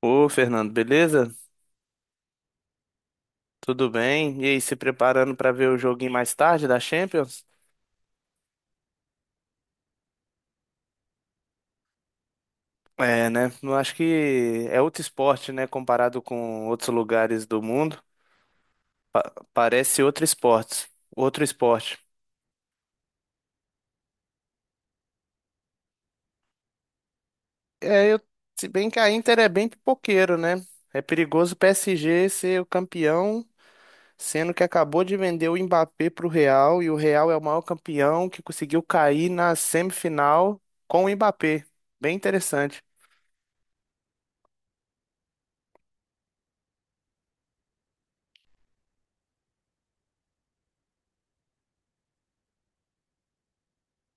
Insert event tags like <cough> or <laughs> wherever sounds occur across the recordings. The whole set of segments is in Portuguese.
Ô, Fernando, beleza? Tudo bem? E aí, se preparando para ver o joguinho mais tarde da Champions? É, né? Eu acho que é outro esporte, né? Comparado com outros lugares do mundo, parece outro esporte. Outro esporte. É, se bem que a Inter é bem pipoqueiro, né? É perigoso o PSG ser o campeão, sendo que acabou de vender o Mbappé pro Real e o Real é o maior campeão que conseguiu cair na semifinal com o Mbappé. Bem interessante.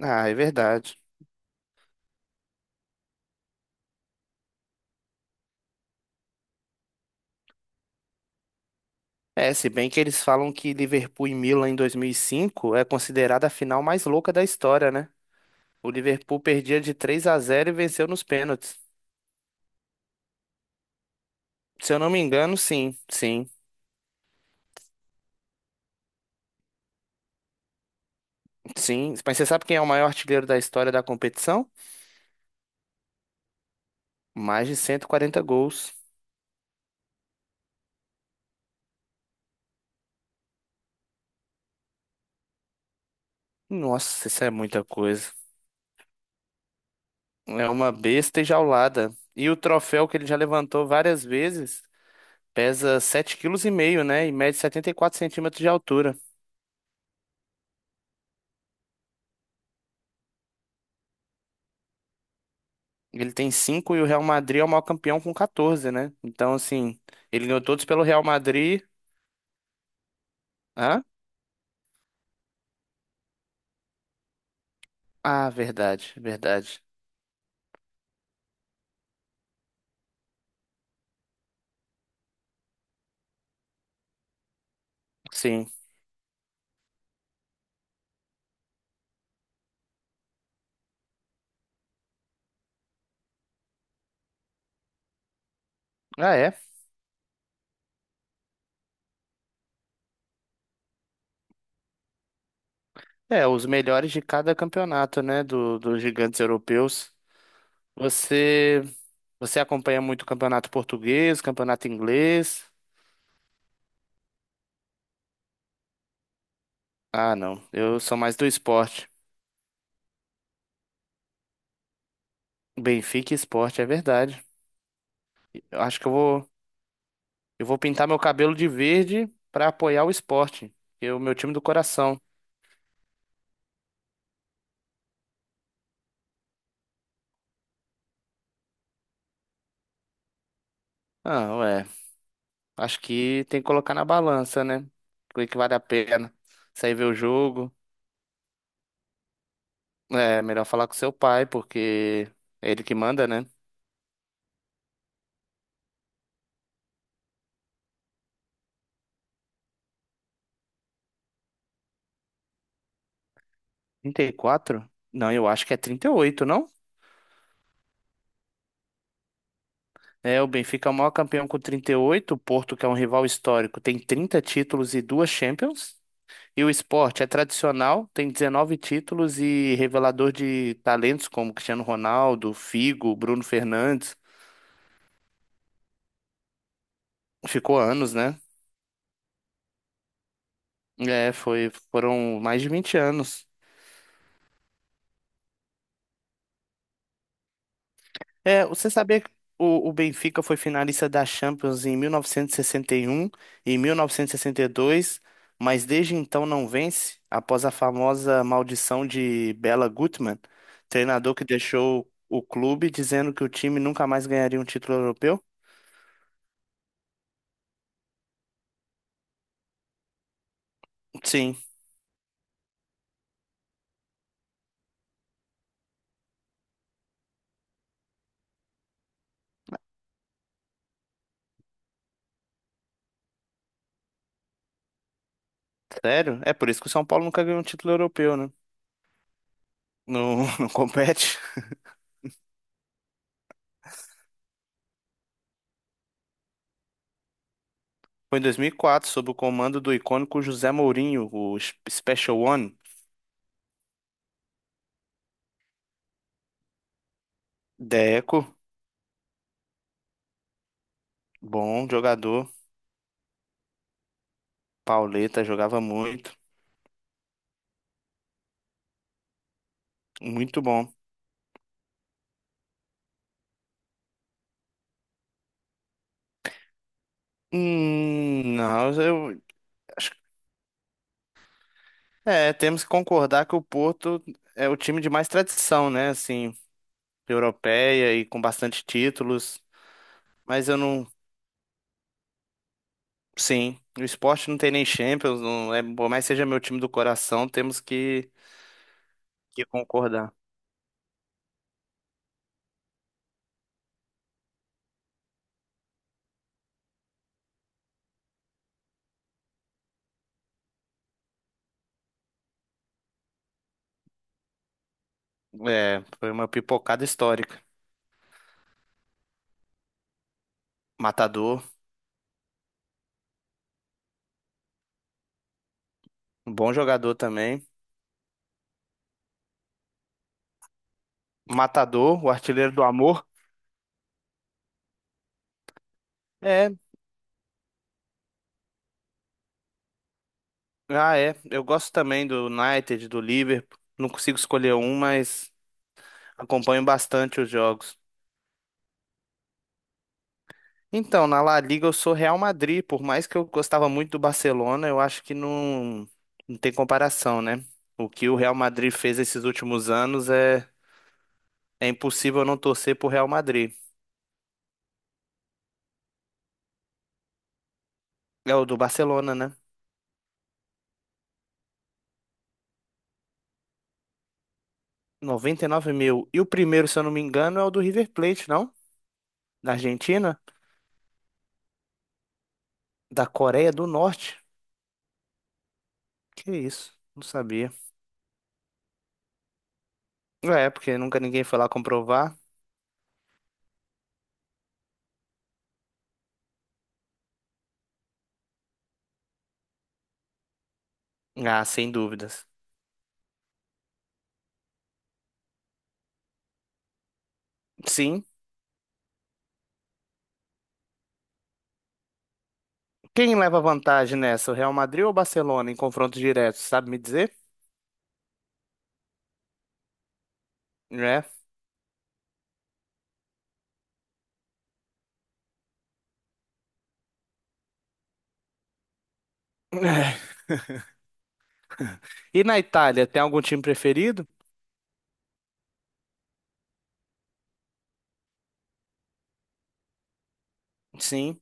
Ah, é verdade. É, se bem que eles falam que Liverpool e Milan em 2005 é considerada a final mais louca da história, né? O Liverpool perdia de 3-0 e venceu nos pênaltis. Se eu não me engano, sim, sim, sim. Mas você sabe quem é o maior artilheiro da história da competição? Mais de 140 gols. Nossa, isso é muita coisa. É uma besta enjaulada. E o troféu que ele já levantou várias vezes pesa 7,5 kg, né? E mede 74 centímetros de altura. Ele tem cinco e o Real Madrid é o maior campeão com 14, né? Então, assim, ele ganhou todos pelo Real Madrid. Hã? Ah, verdade, verdade. Sim. Ah, é. É, os melhores de cada campeonato, né? Dos gigantes europeus. Você, você acompanha muito o campeonato português, campeonato inglês? Ah, não. Eu sou mais do esporte. Benfica e esporte, é verdade. Eu acho que eu vou pintar meu cabelo de verde pra apoiar o esporte, que é o meu time do coração. Ah, ué. Acho que tem que colocar na balança, né? O que que vale a pena? Sair ver o jogo. É melhor falar com seu pai, porque é ele que manda, né? 34? Não, eu acho que é 38, não? É, o Benfica é o maior campeão com 38, o Porto, que é um rival histórico, tem 30 títulos e duas Champions. E o Sport é tradicional, tem 19 títulos e revelador de talentos como Cristiano Ronaldo, Figo, Bruno Fernandes. Ficou anos, né? É, foram mais de 20 anos. É, você sabia que o Benfica foi finalista da Champions em 1961 e 1962, mas desde então não vence, após a famosa maldição de Bela Gutmann, treinador que deixou o clube dizendo que o time nunca mais ganharia um título europeu? Sim, sério? É por isso que o São Paulo nunca ganhou um título europeu, né? Não, <laughs> não compete. Foi em 2004, sob o comando do icônico José Mourinho, o Special One. Deco, bom jogador. Pauleta jogava muito, muito bom. Não, eu acho que é, temos que concordar que o Porto é o time de mais tradição, né? Assim, europeia e com bastante títulos. Mas eu não, sim, o esporte não tem nem Champions, não é, por mais que seja meu time do coração, temos que concordar. É, foi uma pipocada histórica. Matador, um bom jogador também. Matador, o artilheiro do amor. É. Ah, é. Eu gosto também do United, do Liverpool. Não consigo escolher um, mas acompanho bastante os jogos. Então, na La Liga eu sou Real Madrid. Por mais que eu gostava muito do Barcelona, eu acho que não, não tem comparação, né? O que o Real Madrid fez esses últimos anos é impossível eu não torcer pro Real Madrid. É o do Barcelona, né? 99 mil. E o primeiro, se eu não me engano, é o do River Plate, não? Da Argentina? Da Coreia do Norte? Que isso? Não sabia. É, porque nunca ninguém foi lá comprovar. Ah, sem dúvidas. Sim. Quem leva vantagem nessa? O Real Madrid ou o Barcelona em confronto direto, sabe me dizer? É. <sighs> E na Itália, tem algum time preferido? Sim,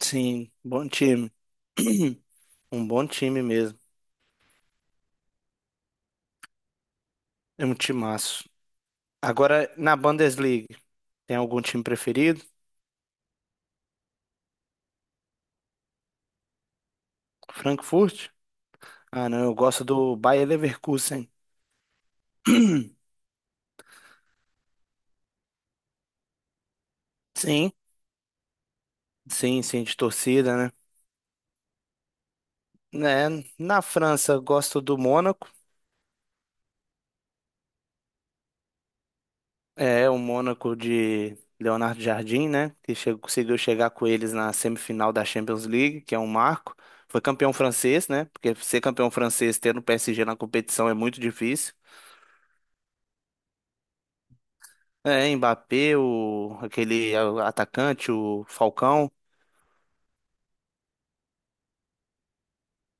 sim, bom time. <clears throat> Um bom time mesmo. É um timaço. Agora, na Bundesliga, tem algum time preferido? Frankfurt? Ah, não, eu gosto do Bayer Leverkusen. <clears throat> Sim, sim, sim, de torcida, né? Né? Na França, eu gosto do Mônaco. É, o Mônaco de Leonardo Jardim, né? Que chegou, conseguiu chegar com eles na semifinal da Champions League, que é um marco. Foi campeão francês, né? Porque ser campeão francês tendo o PSG na competição é muito difícil. É, Mbappé, o, aquele é, o atacante, o Falcão,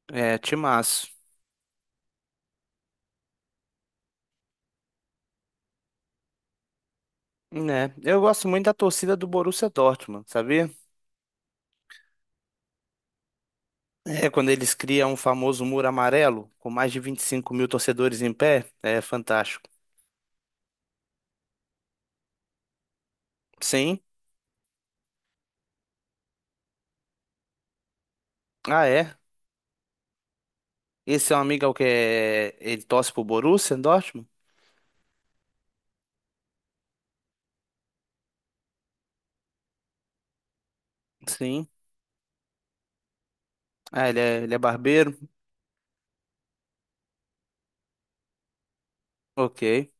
é, timaço. Né? Eu gosto muito da torcida do Borussia Dortmund, sabia? É, quando eles criam um famoso muro amarelo, com mais de 25 mil torcedores em pé, é fantástico. Sim. Ah, é. Esse é um amigo é o que é... Ele torce pro Borussia Dortmund? Sim. Ah, ele é barbeiro? Ok.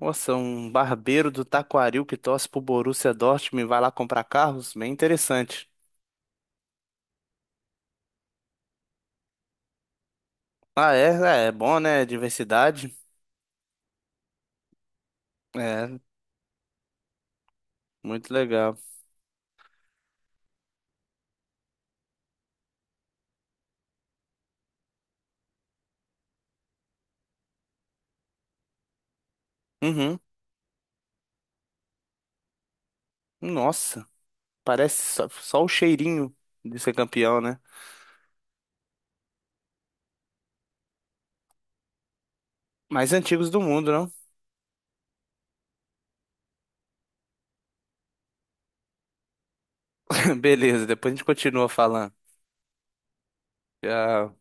Nossa, um barbeiro do Taquaril que torce pro Borussia Dortmund e vai lá comprar carros? Bem interessante. Ah, é? É, é bom, né? Diversidade. É, muito legal. Uhum. Nossa, parece só o cheirinho de ser campeão, né? Mais antigos do mundo, não? <laughs> Beleza, depois a gente continua falando. Tchau.